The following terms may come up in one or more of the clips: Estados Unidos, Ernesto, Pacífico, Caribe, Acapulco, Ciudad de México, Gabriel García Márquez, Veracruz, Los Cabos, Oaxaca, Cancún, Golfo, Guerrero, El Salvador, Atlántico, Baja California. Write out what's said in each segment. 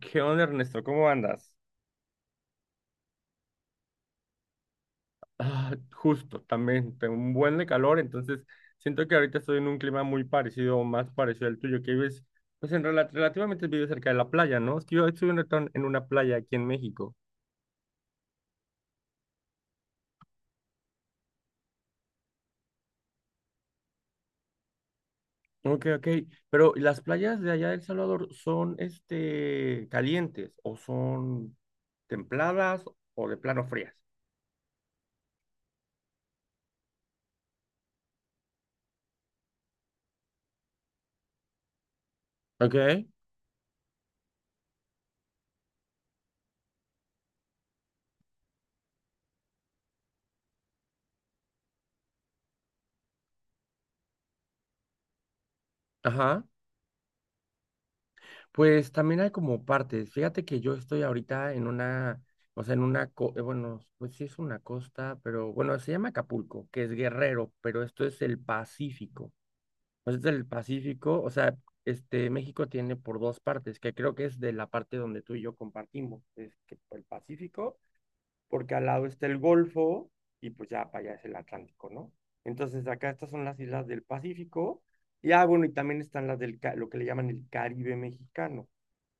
¿Qué onda, Ernesto? ¿Cómo andas? Ah, justo, también tengo un buen de calor, entonces siento que ahorita estoy en un clima muy parecido, o más parecido al tuyo, que vives, pues relativamente vives cerca de la playa, ¿no? Es que yo estoy en una playa aquí en México. Ok, ok, pero ¿y las playas de allá de El Salvador son, calientes o son templadas o de plano frías? Ok, ajá. Pues también hay como partes. Fíjate que yo estoy ahorita en una, o sea, en una, bueno, pues sí es una costa, pero bueno, se llama Acapulco, que es Guerrero, pero esto es el Pacífico. Pues es el Pacífico, o sea, este México tiene por dos partes, que creo que es de la parte donde tú y yo compartimos, es que el Pacífico, porque al lado está el Golfo y pues ya para allá es el Atlántico, ¿no? Entonces acá estas son las islas del Pacífico y ah, bueno, y también están las lo que le llaman el Caribe mexicano,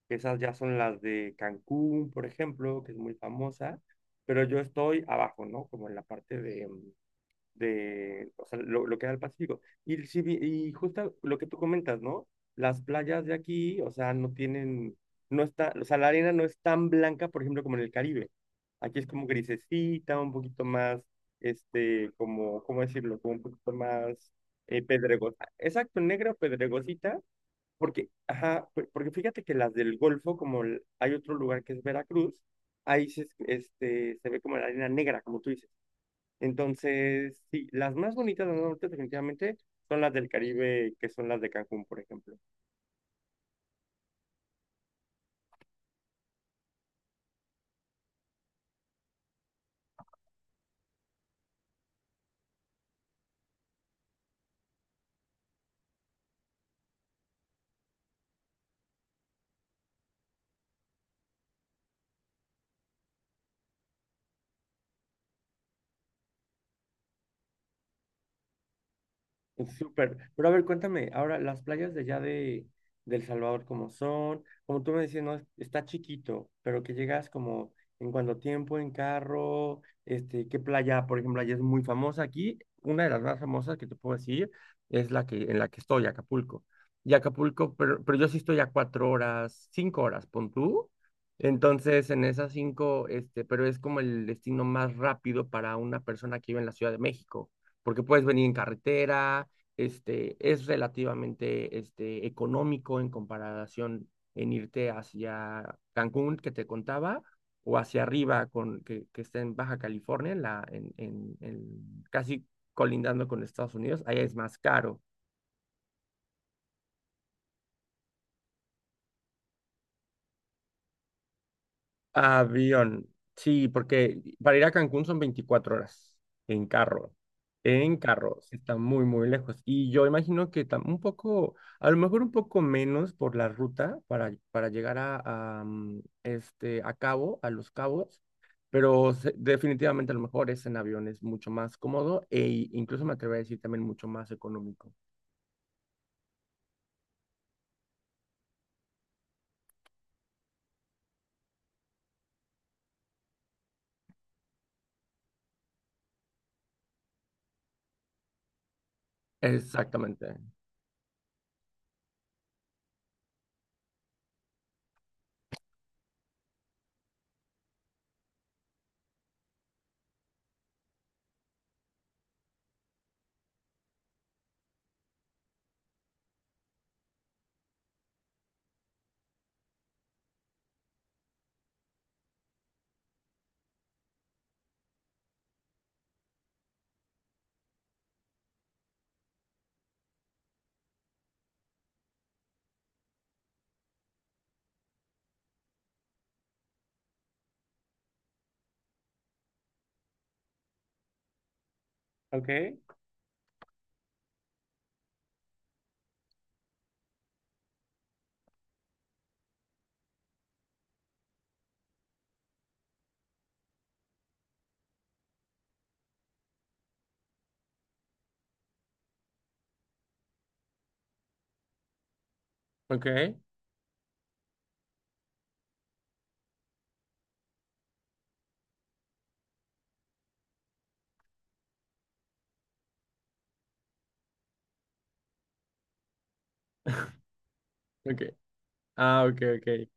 esas ya son las de Cancún, por ejemplo, que es muy famosa, pero yo estoy abajo, ¿no? Como en la parte de, de, o sea, lo que da el Pacífico. Y, y justo lo que tú comentas, ¿no? Las playas de aquí, o sea, no está, o sea, la arena no es tan blanca, por ejemplo, como en el Caribe. Aquí es como grisecita, un poquito más, este, como, ¿cómo decirlo? Como un poquito más pedregosa. Exacto, negra o pedregosita porque, ajá, porque fíjate que las del Golfo, como hay otro lugar que es Veracruz, ahí se, este, se ve como la arena negra, como tú dices. Entonces, sí, las más bonitas del norte definitivamente son las del Caribe, que son las de Cancún, por ejemplo. Súper. Pero a ver, cuéntame, ahora las playas de allá de El Salvador, ¿cómo son? Como tú me decías, no, está chiquito, pero que llegas como en cuánto tiempo, en carro, este, ¿qué playa, por ejemplo, allá es muy famosa? Aquí, una de las más famosas que te puedo decir es la que, en la que estoy, Acapulco. Y Acapulco, pero yo sí estoy a 4 horas, 5 horas, pon tú. Entonces, en esas cinco, este, pero es como el destino más rápido para una persona que vive en la Ciudad de México porque puedes venir en carretera, este, es relativamente este, económico en comparación en irte hacia Cancún, que te contaba, o hacia arriba, que está en Baja California, en casi colindando con Estados Unidos, ahí es más caro. Avión, sí, porque para ir a Cancún son 24 horas en carro. En carro, sí, está muy, muy lejos. Y yo imagino que un poco, a lo mejor un poco menos por la ruta para llegar a, mm, este, a Cabo, a Los Cabos, pero definitivamente a lo mejor es en avión, es mucho más cómodo e incluso me atrevo a decir también mucho más económico. Exactamente. Ok. Ok, ok. Ah, ok, ok.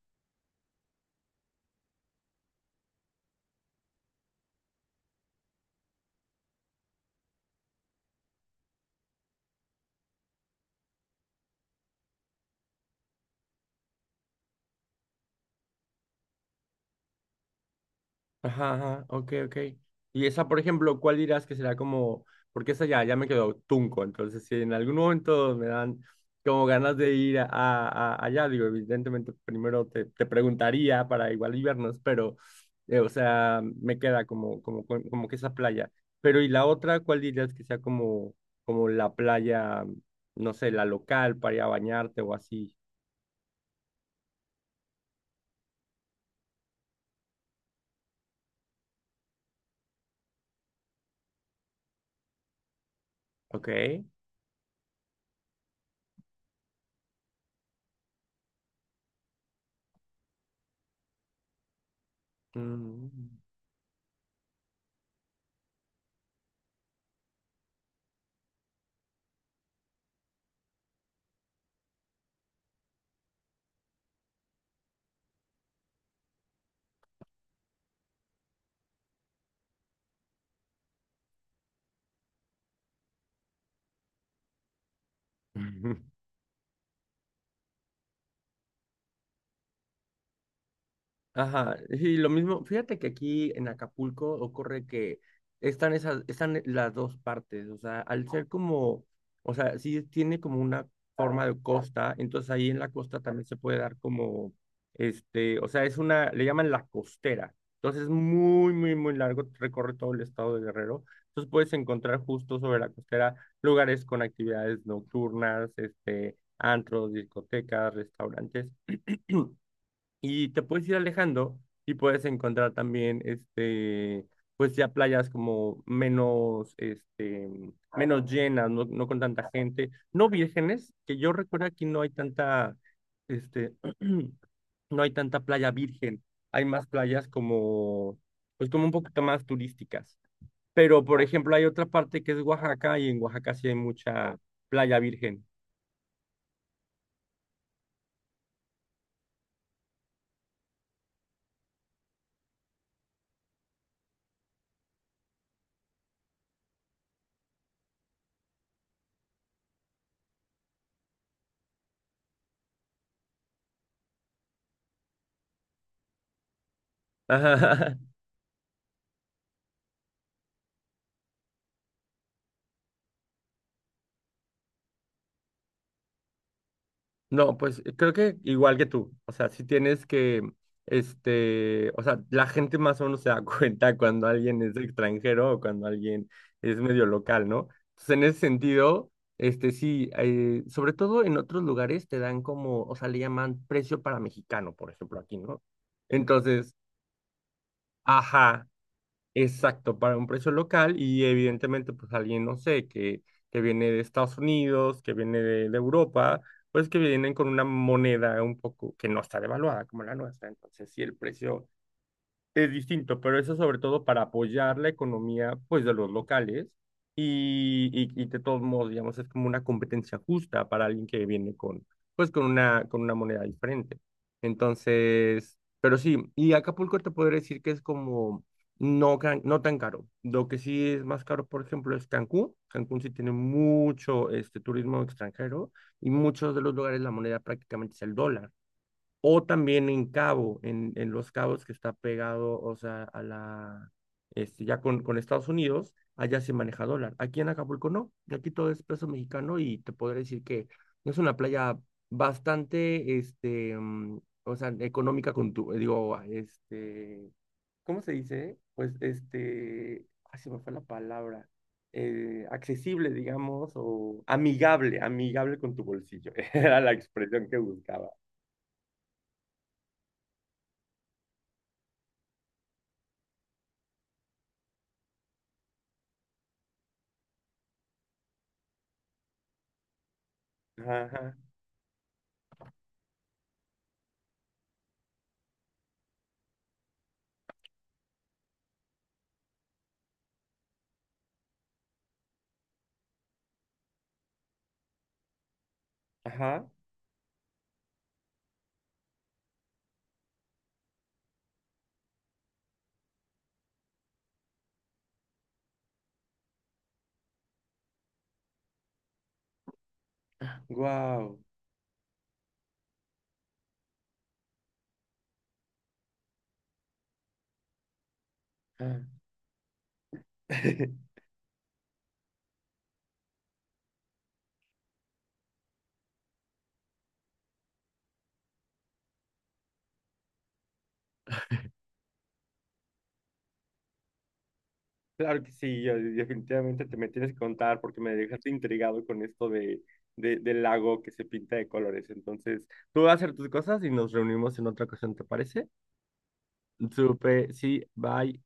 Ajá, ajá, ok, ok. Y esa, por ejemplo, ¿cuál dirás que será como, porque esa ya, ya me quedó tunco, entonces si en algún momento me dan como ganas de ir allá, digo, evidentemente primero te, te preguntaría para igual y vernos, pero, o sea, me queda como, como, como que esa playa. Pero y la otra, ¿cuál dirías que sea como, como la playa, no sé, la local para ir a bañarte o así? Ok. Mm. Ajá, sí, lo mismo. Fíjate que aquí en Acapulco ocurre que están esas, están las dos partes, o sea, al ser como, o sea, sí tiene como una forma de costa, entonces ahí en la costa también se puede dar como, este, o sea, es una, le llaman la costera, entonces es muy, muy, muy largo, recorre todo el estado de Guerrero, entonces puedes encontrar justo sobre la costera lugares con actividades nocturnas, este, antros, discotecas, restaurantes. Y te puedes ir alejando y puedes encontrar también, este, pues ya playas como menos, este, menos llenas, no, no con tanta gente, no vírgenes, que yo recuerdo aquí no hay tanta, este, no hay tanta playa virgen, hay más playas como, pues como un poquito más turísticas. Pero, por ejemplo, hay otra parte que es Oaxaca y en Oaxaca sí hay mucha playa virgen. No, pues creo que igual que tú, o sea, si tienes que, este, o sea, la gente más o menos se da cuenta cuando alguien es extranjero o cuando alguien es medio local, ¿no? Entonces, en ese sentido, este, sí, sobre todo en otros lugares te dan como, o sea, le llaman precio para mexicano, por ejemplo, aquí, ¿no? Entonces, ajá, exacto, para un precio local y evidentemente pues alguien, no sé, que viene de Estados Unidos, que viene de Europa, pues que vienen con una moneda un poco que no está devaluada como la nuestra. Entonces, sí el precio es distinto, pero eso sobre todo para apoyar la economía, pues, de los locales y de todos modos, digamos, es como una competencia justa para alguien que viene con, pues, con una moneda diferente. Entonces, pero sí, y Acapulco te podría decir que es como no, no tan caro. Lo que sí es más caro, por ejemplo, es Cancún. Cancún sí tiene mucho este, turismo extranjero y muchos de los lugares la moneda prácticamente es el dólar o también en Cabo, en Los Cabos que está pegado, o sea, a la, este, ya con Estados Unidos, allá se maneja dólar. Aquí en Acapulco no, aquí todo es peso mexicano y te podré decir que no es una playa bastante, este, mm, o sea, económica con tu, digo, este, ¿cómo se dice? Pues, este, ay, se me fue la palabra. Eh, accesible, digamos, o amigable, amigable con tu bolsillo. Era la expresión que buscaba. Ajá, ajá. Wow. Claro que sí, yo definitivamente te me tienes que contar porque me dejaste intrigado con esto de, del lago que se pinta de colores. Entonces, tú vas a hacer tus cosas y nos reunimos en otra ocasión, ¿te parece? Supe, sí, bye.